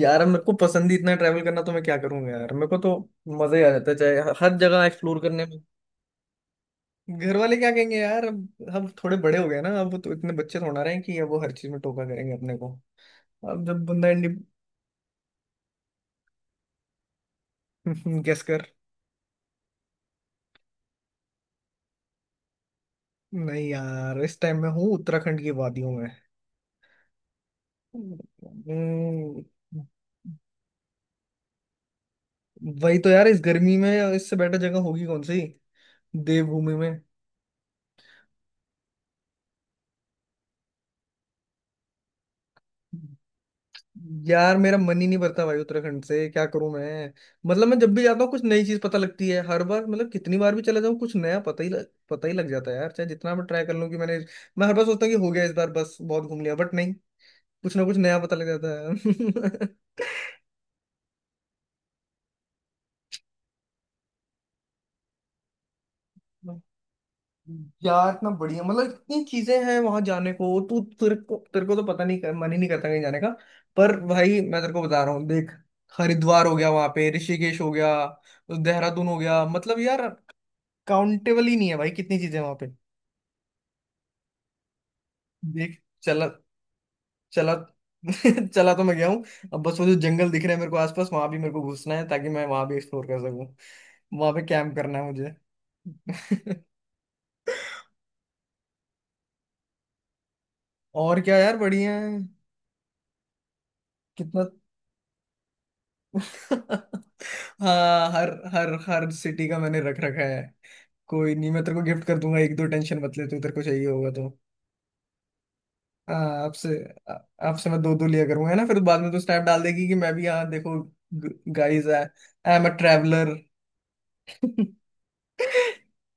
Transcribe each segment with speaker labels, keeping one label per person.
Speaker 1: यार मेरे को पसंद ही इतना ट्रैवल करना। तो मैं क्या करूंगा यार, मेरे को तो मजा ही आ जाता है चाहे हर जगह एक्सप्लोर करने में। घर वाले क्या कहेंगे यार? अब थोड़े बड़े हो गए ना, अब तो इतने बच्चे थोड़ा रहे हैं कि अब वो हर चीज में टोका करेंगे अपने को। अब जब बंदा इंडी गेस कर। नहीं यार, इस टाइम में हूँ उत्तराखंड की वादियों में। हम्म। वही तो यार, इस गर्मी में इससे बेटर जगह होगी कौन सी, देवभूमि में। यार मेरा मन ही नहीं भरता भाई उत्तराखंड से, क्या करूं मैं। मतलब मैं जब भी जाता हूँ कुछ नई चीज पता लगती है हर बार। मतलब कितनी बार भी चला जाऊं कुछ नया पता ही लग जाता है यार। चाहे जितना मैं ट्राई कर लूं कि मैंने, मैं हर बार सोचता हूँ कि हो गया इस बार बस बहुत घूम लिया, बट नहीं, कुछ ना कुछ नया पता लग जाता है। यार इतना बढ़िया, मतलब इतनी चीजें हैं वहां जाने को, तू तेरे को तो पता नहीं मन ही नहीं करता कहीं जाने का। पर भाई मैं तेरे को बता रहा हूँ, देख। हरिद्वार हो गया, वहां पे ऋषिकेश हो गया, देहरादून हो गया, मतलब यार काउंटेबल ही नहीं है भाई कितनी चीजें वहां पे। देख। चला चला चला तो मैं गया हूँ। अब बस वो जो जंगल दिख रहे हैं मेरे को आसपास, वहां भी मेरे को घुसना है ताकि मैं वहां भी एक्सप्लोर कर सकूं। वहां पे कैंप करना है मुझे। और क्या यार, बढ़िया है। कितना हाँ, हर हर हर सिटी का मैंने रख रखा है। कोई नहीं, मैं तेरे को गिफ्ट कर दूंगा एक दो, टेंशन मत ले तू, तेरे को चाहिए होगा तो। हाँ, आपसे आ- आपसे मैं दो दो लिया करूंगा, है ना? फिर बाद में तो स्नैप डाल देगी कि मैं भी यहाँ देखो, guys I am a traveller.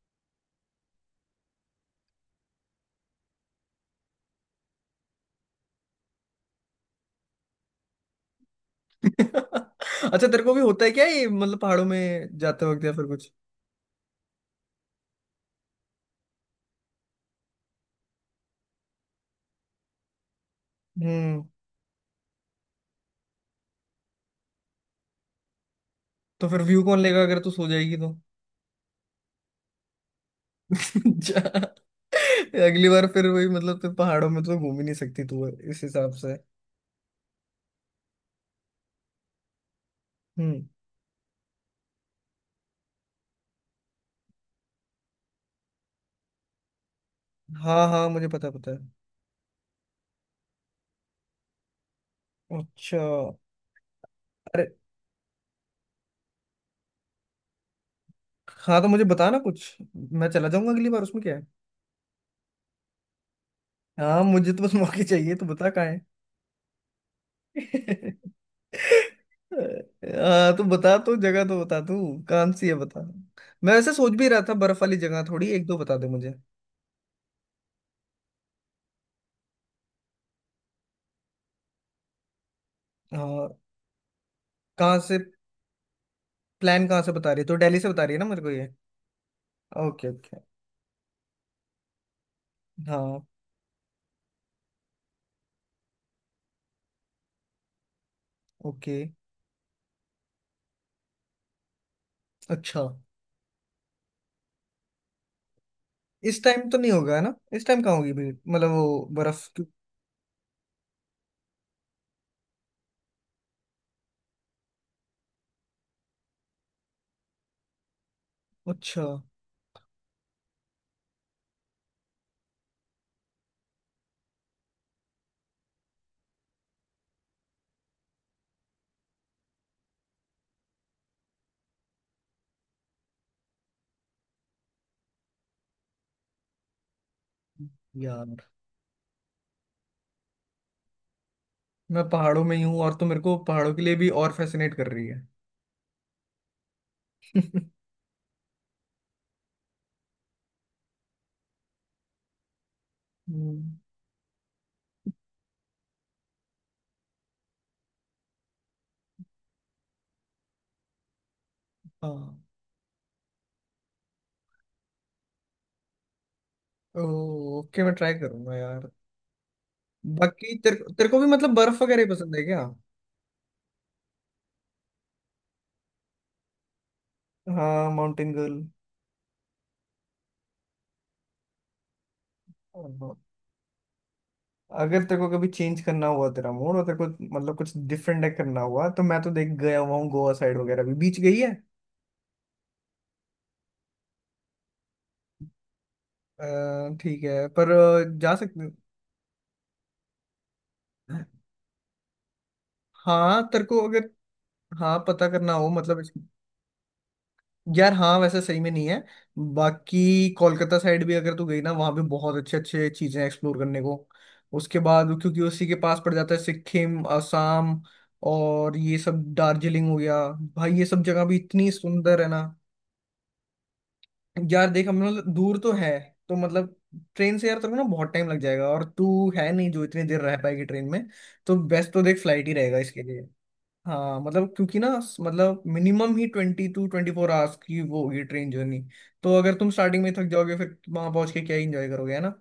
Speaker 1: अच्छा, तेरे को भी होता है क्या ये, मतलब पहाड़ों में जाते वक्त या फिर कुछ? हम्म। तो फिर व्यू कौन लेगा अगर तू सो जाएगी तो? जा। अगली बार फिर वही, मतलब फिर पहाड़ों में तो घूम ही नहीं सकती तू इस हिसाब से। हम्म। हाँ हाँ, मुझे पता पता है। अच्छा। अरे। हाँ, तो मुझे बता ना कुछ, मैं चला जाऊंगा अगली बार, उसमें क्या है। हाँ, मुझे तो बस मौके चाहिए, तो बता कहाँ है। हाँ तो बता, तू जगह तो बता तू, कौन सी है बता। मैं वैसे सोच भी रहा था, बर्फ वाली जगह थोड़ी एक दो बता दे मुझे। हाँ। कहाँ से? प्लान कहाँ से बता रही है? तो दिल्ली से बता रही है ना मेरे को ये? Okay okay. हाँ। ओके। अच्छा। इस टाइम तो नहीं होगा है ना, इस टाइम कहाँ होगी भीड़, मतलब वो बर्फ की। अच्छा। यार मैं पहाड़ों में ही हूँ, और तो मेरे को पहाड़ों के लिए भी और फैसिनेट कर रही है। हम्म। हाँ। ओके, मैं ट्राई करूंगा यार। बाकी तेरे तेरे को भी मतलब बर्फ वगैरह ही पसंद है क्या? हाँ, माउंटेन गर्ल। हाँ। अगर तेरे को कभी चेंज करना हुआ तेरा मूड, और तेरे को मतलब कुछ डिफरेंट करना हुआ, तो मैं तो देख गया हुआ हूँ गोवा साइड वगैरह, भी बीच गई है? ठीक है पर जा सकते। हाँ तेरे को अगर हाँ पता करना हो मतलब। यार हाँ वैसे सही में नहीं है। बाकी कोलकाता साइड भी अगर तू गई ना, वहाँ भी बहुत अच्छे अच्छे चीजें एक्सप्लोर करने को। उसके बाद क्योंकि उसी के पास पड़ जाता है सिक्किम, असम, और ये सब दार्जिलिंग हो गया। भाई ये सब जगह भी इतनी सुंदर है ना। यार देख, हम लोग दूर तो है, तो मतलब ट्रेन से यार तेरे को ना बहुत टाइम लग जाएगा, और तू है नहीं जो इतनी देर रह पाएगी ट्रेन में। तो बेस्ट तो देख फ्लाइट ही रहेगा इसके लिए। हाँ मतलब, क्योंकि ना मतलब मिनिमम ही 22-24 आवर्स की वो होगी ट्रेन जर्नी। तो अगर तुम स्टार्टिंग में ही थक जाओगे, फिर वहां पहुंच के क्या ही इंजॉय करोगे है ना।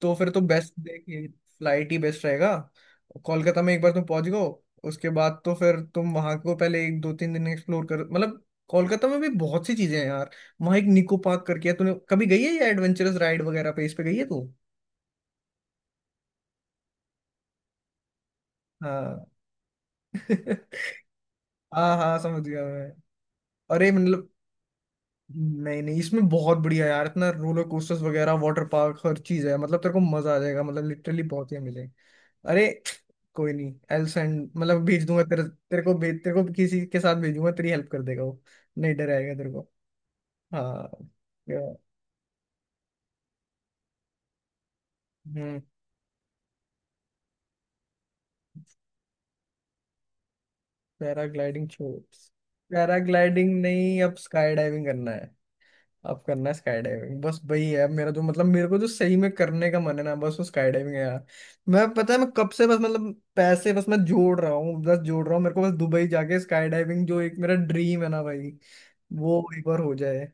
Speaker 1: तो फिर तो बेस्ट देखिए, फ्लाइट ही बेस्ट रहेगा। कोलकाता में एक बार तुम पहुंच गए, उसके बाद तो फिर तुम वहां को पहले एक दो तीन दिन एक्सप्लोर कर, मतलब कोलकाता में भी बहुत सी चीजें हैं यार। वहाँ एक निको पार्क करके है, तूने कभी गई है, या एडवेंचरस राइड वगैरह पे इस पे गई है तू? हाँ। हाँ हाँ समझ गया मैं। अरे मतलब, नहीं नहीं, इसमें बहुत बढ़िया यार, इतना रोलर कोस्टर्स वगैरह, वाटर पार्क, हर चीज है, मतलब तेरे को मजा आ जाएगा, मतलब लिटरली बहुत ही मिले। अरे, कोई नहीं, एल सेंड मतलब भेज दूंगा तेरे तेरे को भेज तेरे को किसी के साथ भेजूंगा, तेरी हेल्प कर देगा वो। नहीं, डराएगा तेरे को। हाँ। या। हम्म। पैराग्लाइडिंग छोड़। पैराग्लाइडिंग नहीं, अब स्काई डाइविंग करना है। अब करना है स्काई डाइविंग, बस वही है मेरा, जो मतलब मेरे को जो सही में करने का मन है ना, बस वो स्काई डाइविंग है यार। मैं, पता है मैं कब से, बस मतलब पैसे बस मैं जोड़ रहा हूँ, बस जोड़ रहा हूँ, मेरे को बस दुबई जाके स्काई डाइविंग जो एक मेरा ड्रीम है ना भाई। वो एक बार हो जाए।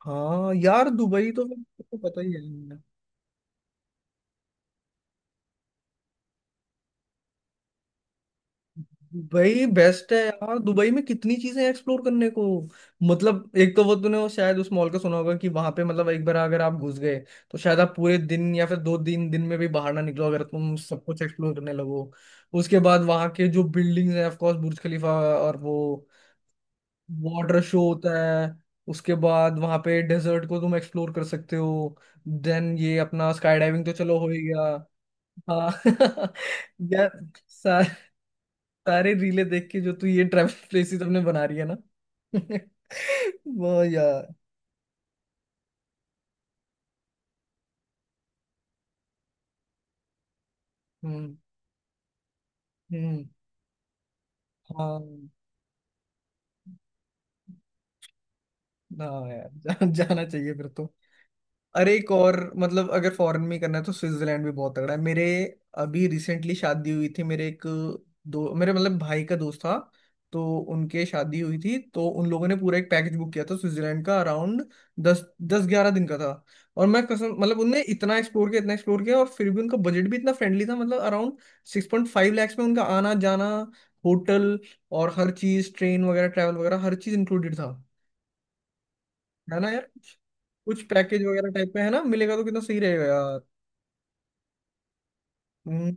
Speaker 1: हाँ यार, दुबई तो पता ही है। भाई बेस्ट है यार, दुबई में कितनी चीजें एक्सप्लोर करने को। मतलब एक तो वो तूने वो शायद उस मॉल का सुना होगा, कि वहां पे मतलब एक बार अगर आप घुस गए, तो शायद आप पूरे दिन या फिर 2-3 दिन में भी बाहर ना निकलो अगर तुम सब कुछ एक्सप्लोर करने लगो। उसके बाद वहां के जो बिल्डिंग्स हैं, ऑफ कोर्स बुर्ज खलीफा। और वो वाटर शो होता है। उसके बाद वहां पे डेजर्ट को तुम एक्सप्लोर कर सकते हो। देन ये अपना स्काई डाइविंग तो चलो हो ही गया। हाँ। यार सारे रीले देख के जो तू ये ट्रैवल प्लेसेस अपने बना रही है ना। वो यार। हम्म। हम्म। हाँ हाँ। यार जा, जाना चाहिए फिर तो। अरे एक और, मतलब अगर फॉरेन में ही करना है तो स्विट्जरलैंड भी बहुत तगड़ा है मेरे। अभी रिसेंटली शादी हुई थी मेरे एक, दो मेरे मतलब भाई का दोस्त था, तो उनके शादी हुई थी, तो उन लोगों ने पूरा एक पैकेज बुक किया था स्विट्जरलैंड का, अराउंड दस दस ग्यारह दिन का था। और मैं कसम, मतलब उनने इतना एक्सप्लोर किया इतना एक्सप्लोर किया, और फिर भी उनका बजट भी इतना फ्रेंडली था, मतलब अराउंड 6.5 लैक्स में उनका आना जाना, होटल, और हर चीज़, ट्रेन वगैरह ट्रैवल वगैरह हर चीज़ इंक्लूडेड था। है ना यार, कुछ पैकेज वगैरह टाइप में है ना मिलेगा तो कितना सही रहेगा यार। हम्म।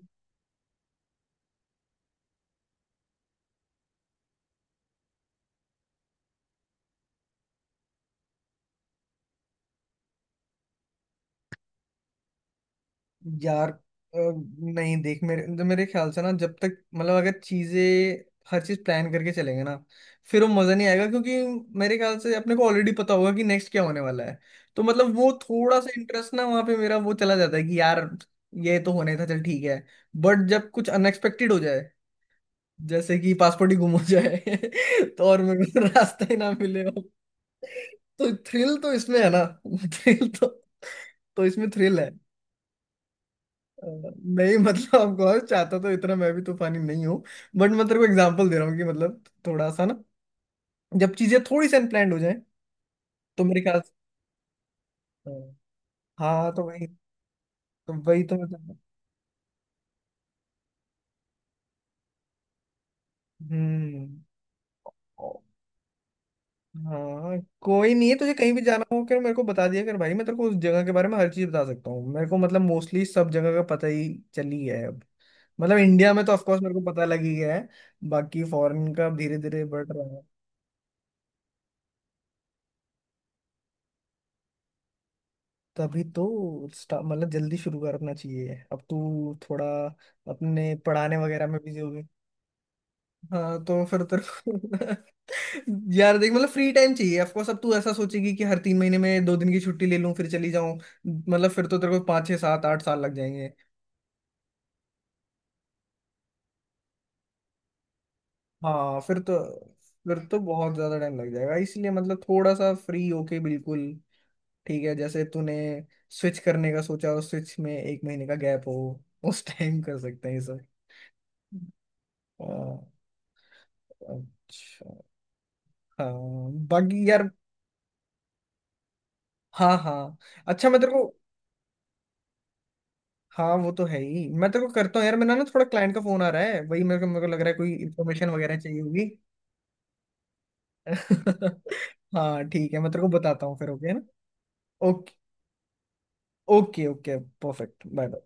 Speaker 1: यार नहीं देख मेरे, मतलब मेरे ख्याल से ना, जब तक, मतलब अगर चीजें हर चीज प्लान करके चलेंगे ना, फिर वो मजा नहीं आएगा, क्योंकि मेरे ख्याल से अपने को ऑलरेडी पता होगा कि नेक्स्ट क्या होने वाला है। तो मतलब वो थोड़ा सा इंटरेस्ट ना वहाँ पे मेरा वो चला जाता है, कि यार ये तो होने था, चल ठीक है। बट जब कुछ अनएक्सपेक्टेड हो जाए, जैसे कि पासपोर्ट ही गुम हो जाए, तो और मेरे को रास्ता ही ना मिले। तो थ्रिल तो इसमें है ना। थ्रिल तो इसमें थ्रिल है। नहीं मतलब आपको और चाहता तो, इतना मैं भी तूफानी नहीं हूँ। बट मैं तेरे को एग्जांपल दे रहा हूँ कि मतलब थोड़ा सा ना, जब चीजें थोड़ी सी अनप्लान्ड हो जाए, तो मेरे ख्याल से। हाँ तो वही, तो वही तो मैं चाहता हूँ। हम्म। ओ। हाँ, कोई नहीं, है तुझे कहीं भी जाना हो क्या, मेरे को बता दिया कर भाई, मैं तेरे को उस जगह के बारे में हर चीज बता सकता हूँ, मेरे को मतलब मोस्टली सब जगह का पता ही चली है अब। मतलब इंडिया में तो ऑफकोर्स मेरे को पता लग ही गया है, बाकी फॉरेन का धीरे धीरे बढ़ रहा है। तभी तो मतलब जल्दी शुरू करना चाहिए अब तू थोड़ा, अपने पढ़ाने वगैरह में बिजी हो गई। हाँ तो फिर तेरे को यार देख मतलब फ्री टाइम चाहिए ऑफकोर्स, अब तू ऐसा सोचेगी कि हर 3 महीने में 2 दिन की छुट्टी ले लूं फिर चली जाऊं, मतलब फिर तो तेरे को 5-6-7-8 साल लग जाएंगे। हाँ फिर तो, फिर तो बहुत ज्यादा टाइम लग जाएगा, इसलिए मतलब थोड़ा सा फ्री होके, बिल्कुल ठीक है जैसे तूने स्विच करने का सोचा और स्विच में एक महीने का गैप हो, उस टाइम कर सकते हैं ये सब। अ, अच्छा। हाँ। बाकी यार। हाँ हाँ। अच्छा मैं तेरे को। हाँ वो तो है ही, मैं तेरे को करता हूँ यार, मेरा ना थोड़ा क्लाइंट का फोन आ रहा है, वही मेरे को लग रहा है कोई इन्फॉर्मेशन वगैरह चाहिए होगी। हाँ ठीक है, मैं तेरे को बताता हूँ फिर, ओके ना। Okay, okay okay. Perfect, bye bye.